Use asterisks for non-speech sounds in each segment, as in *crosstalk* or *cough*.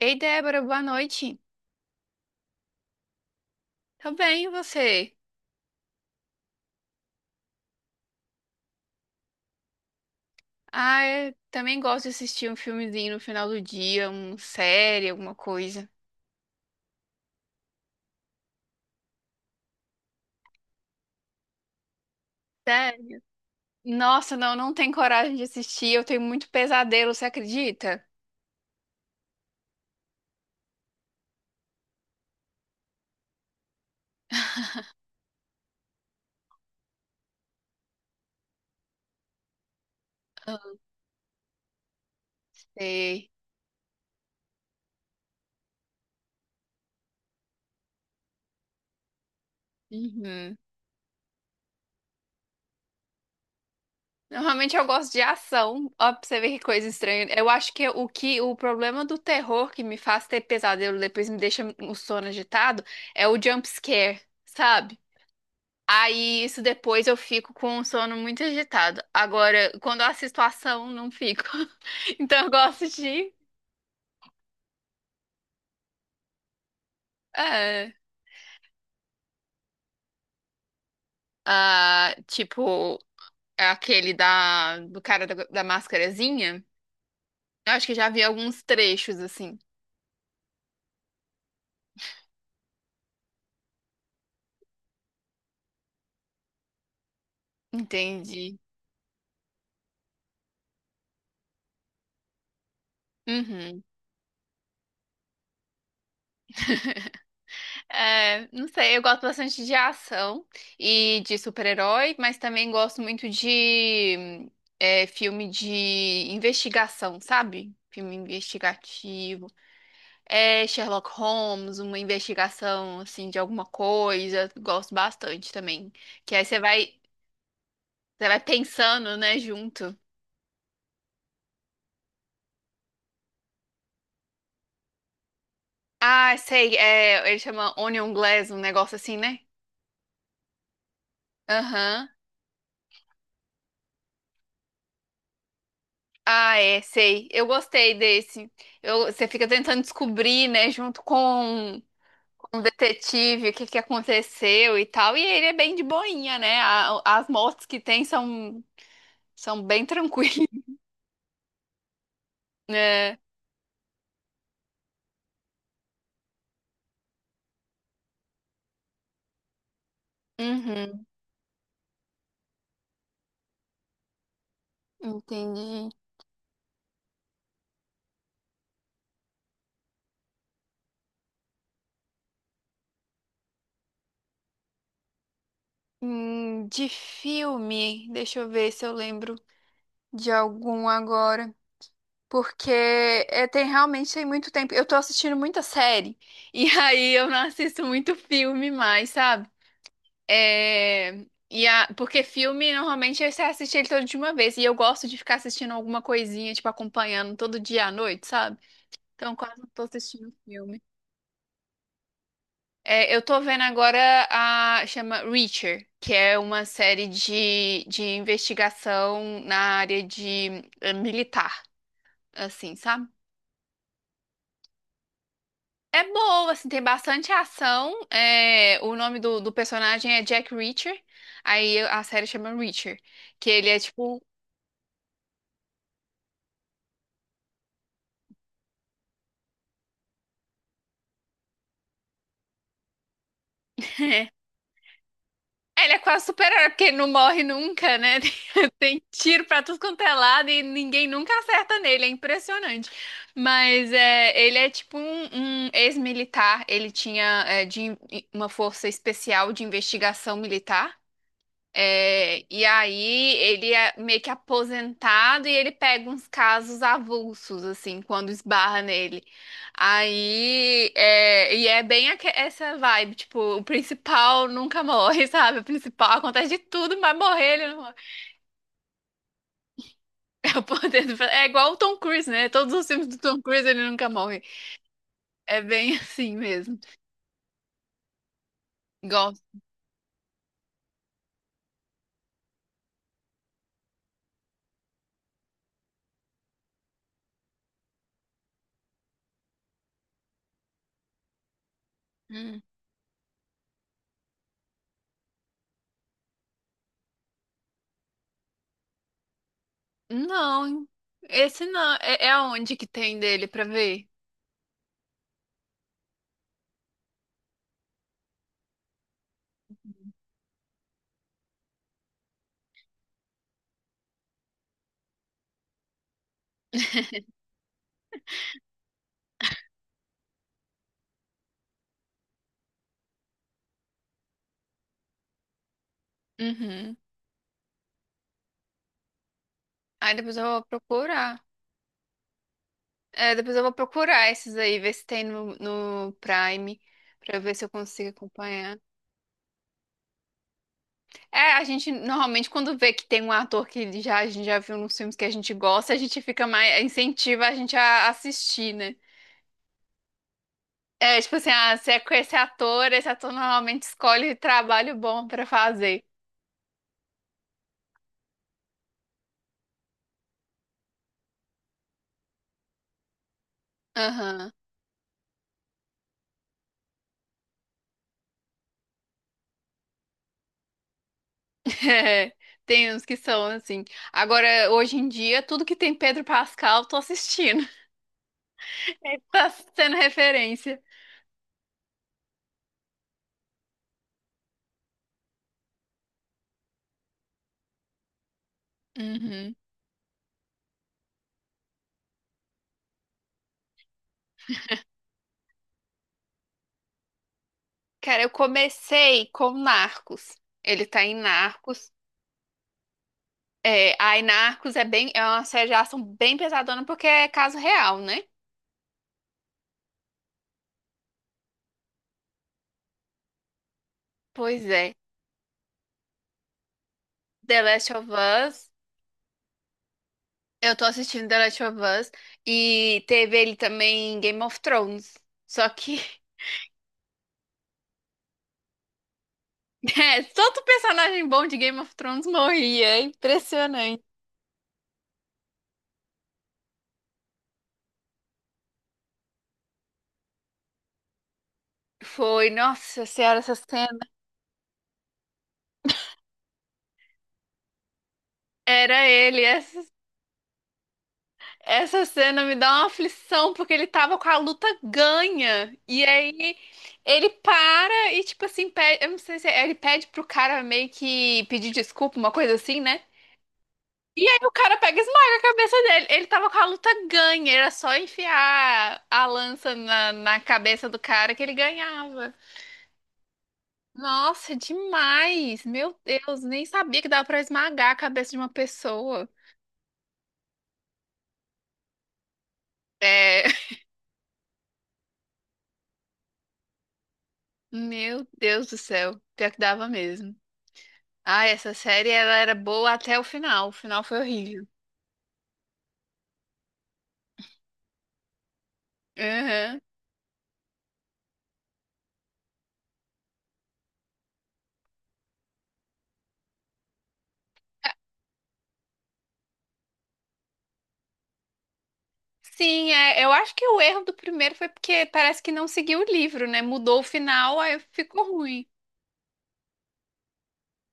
Ei, Débora, boa noite. Tá bem, e você? Ah, eu também gosto de assistir um filmezinho no final do dia, uma série, alguma coisa. Sério? Nossa, não, não tenho coragem de assistir. Eu tenho muito pesadelo, você acredita? Ah. Sei. Uhum. Normalmente eu gosto de ação. Ó, pra você ver que coisa estranha. Eu acho que o problema do terror que me faz ter pesadelo depois me deixa o sono agitado é o jump scare, sabe? Aí isso depois eu fico com o sono muito agitado. Agora, quando eu assisto a ação, não fico. *laughs* Então eu gosto de. É, ah, tipo, aquele do cara da máscarazinha. Eu acho que já vi alguns trechos assim. Entendi. Uhum. É, não sei, eu gosto bastante de ação e de super-herói, mas também gosto muito de filme de investigação, sabe? Filme investigativo. É Sherlock Holmes, uma investigação assim de alguma coisa, gosto bastante também. Que aí você vai, Você vai pensando, né, junto. Ah, sei, é, ele chama Onion Glass, um negócio assim, né? Aham. Ah, é, sei. Eu gostei desse. Você fica tentando descobrir, né, junto com o detetive, o que aconteceu e tal. E ele é bem de boinha, né? As mortes que tem são, são bem *laughs* tranquilas, né? Uhum, entendi. De filme, deixa eu ver se eu lembro de algum agora. Porque é, tem realmente tem muito tempo. Eu tô assistindo muita série. E *laughs* aí eu não assisto muito filme mais, sabe? É, Porque filme normalmente é você assiste ele todo de uma vez. E eu gosto de ficar assistindo alguma coisinha, tipo, acompanhando todo dia à noite, sabe? Então quase não tô assistindo filme. É, eu tô vendo agora a chama Reacher, que é uma série de investigação na área de militar, assim, sabe? É boa, assim, tem bastante ação. É, o nome do personagem é Jack Reacher. Aí a série chama Reacher, que ele é tipo. Ele é quase super-herói, porque ele não morre nunca, né? *laughs* Tem tiro pra tudo quanto é lado e ninguém nunca acerta nele, é impressionante. Mas é, ele é tipo um, um ex-militar, ele tinha uma força especial de investigação militar. É, e aí ele é meio que aposentado e ele pega uns casos avulsos, assim, quando esbarra nele. Aí, é, e é bem essa vibe, tipo, o principal nunca *laughs* morre, sabe? O principal acontece de tudo, mas morrer ele não morre. *laughs* É, o poder é igual o Tom Cruise, né? Todos os filmes do Tom Cruise ele nunca morre. É bem *laughs* assim mesmo. Gosto. Hum. Não, esse não. É, é onde que tem dele pra ver? Uhum. Aí depois eu vou procurar. É, depois eu vou procurar esses aí, ver se tem no, no Prime, pra ver se eu consigo acompanhar. É, a gente normalmente quando vê que tem um ator que já, a gente já viu nos filmes que a gente gosta, a gente fica mais, incentiva a gente a assistir, né? É, tipo assim, ah, se é com esse ator normalmente escolhe trabalho bom pra fazer. Aham. *laughs* É, tem uns que são assim. Agora, hoje em dia, tudo que tem Pedro Pascal, eu tô assistindo. *laughs* Tá sendo referência. Uhum. Cara, eu comecei com Narcos. Ele tá em Narcos. É, aí Narcos é bem, é uma série de ação bem pesadona porque é caso real, né? Pois é. The Last of Us. Eu tô assistindo The Last of Us e teve ele também em Game of Thrones. Só que *laughs* é, todo personagem bom de Game of Thrones morria, é impressionante. Foi, nossa senhora, essa cena. Era ele. Essa cena me dá uma aflição, porque ele tava com a luta ganha. E aí ele para e, tipo assim, pede, eu não sei se é- ele pede pro cara meio que pedir desculpa, uma coisa assim, né? E aí o cara pega e esmaga a cabeça dele. Ele tava com a luta ganha, era só enfiar a lança na cabeça do cara que ele ganhava. Nossa, demais! Meu Deus, nem sabia que dava pra esmagar a cabeça de uma pessoa. É, *laughs* meu Deus do céu, pior que dava mesmo. Ah, essa série ela era boa até o final. O final foi horrível. Uhum. Sim, é, eu acho que o erro do primeiro foi porque parece que não seguiu o livro, né? Mudou o final, aí ficou ruim.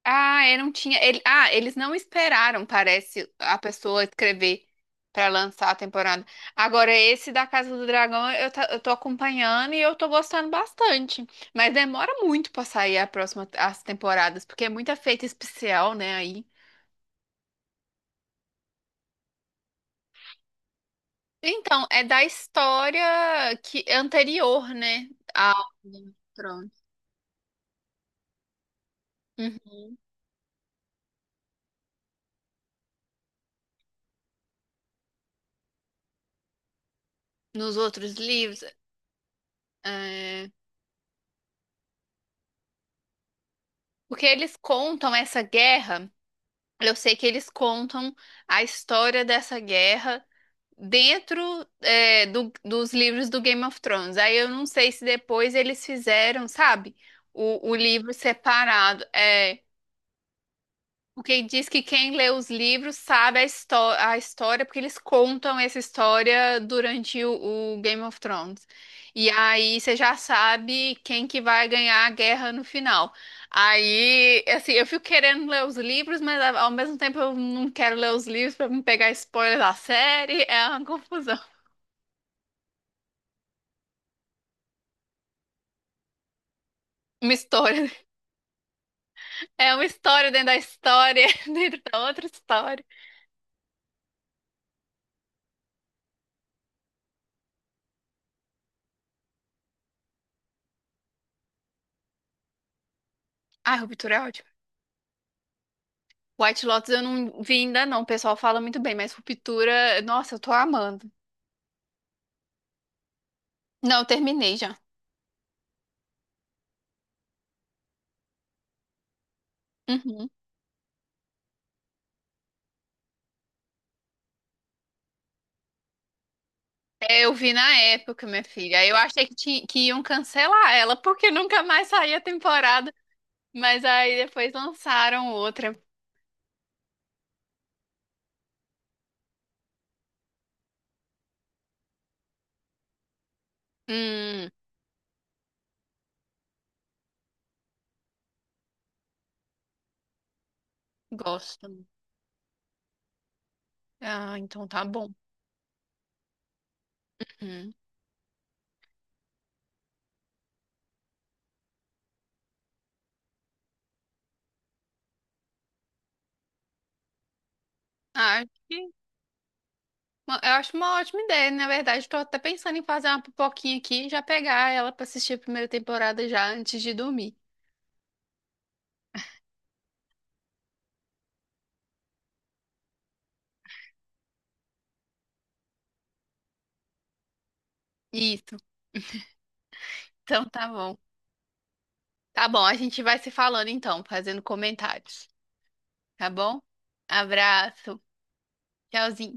Ah, eu não tinha. Ele- ah, Eles não esperaram, parece, a pessoa escrever pra lançar a temporada. Agora, esse da Casa do Dragão, eu tô acompanhando e eu tô gostando bastante. Mas demora muito pra sair a próxima, as temporadas, porque é muita feita especial, né? Aí. Então, é da história que anterior, né, ao Game of Thrones. Uhum. Nos outros livros, é, porque eles contam essa guerra. Eu sei que eles contam a história dessa guerra dentro, dos livros do Game of Thrones. Aí eu não sei se depois eles fizeram, sabe, o livro separado. É, porque diz que quem lê os livros sabe a história, porque eles contam essa história durante o Game of Thrones. E aí você já sabe quem que vai ganhar a guerra no final. Aí, assim, eu fico querendo ler os livros, mas ao mesmo tempo eu não quero ler os livros pra não pegar spoiler da série. É uma confusão. *laughs* Uma história. É uma história dentro da história, *laughs* dentro da outra história. Ai, Ruptura é ótimo. White Lotus eu não vi ainda não, o pessoal fala muito bem, mas Ruptura, nossa, eu tô amando. Não, eu terminei já. Uhum. É, eu vi na época, minha filha. Aí eu achei que iam cancelar ela, porque nunca mais saía temporada. Mas aí depois lançaram outra. Hum, gosto. Ah, então tá bom. Uhum. Ah, acho que- eu acho uma ótima ideia. Na verdade, tô até pensando em fazer uma pipoquinha aqui e já pegar ela pra assistir a primeira temporada já antes de dormir. Isso. Então tá bom. Tá bom, a gente vai se falando então, fazendo comentários, tá bom? Abraço, tchauzinho.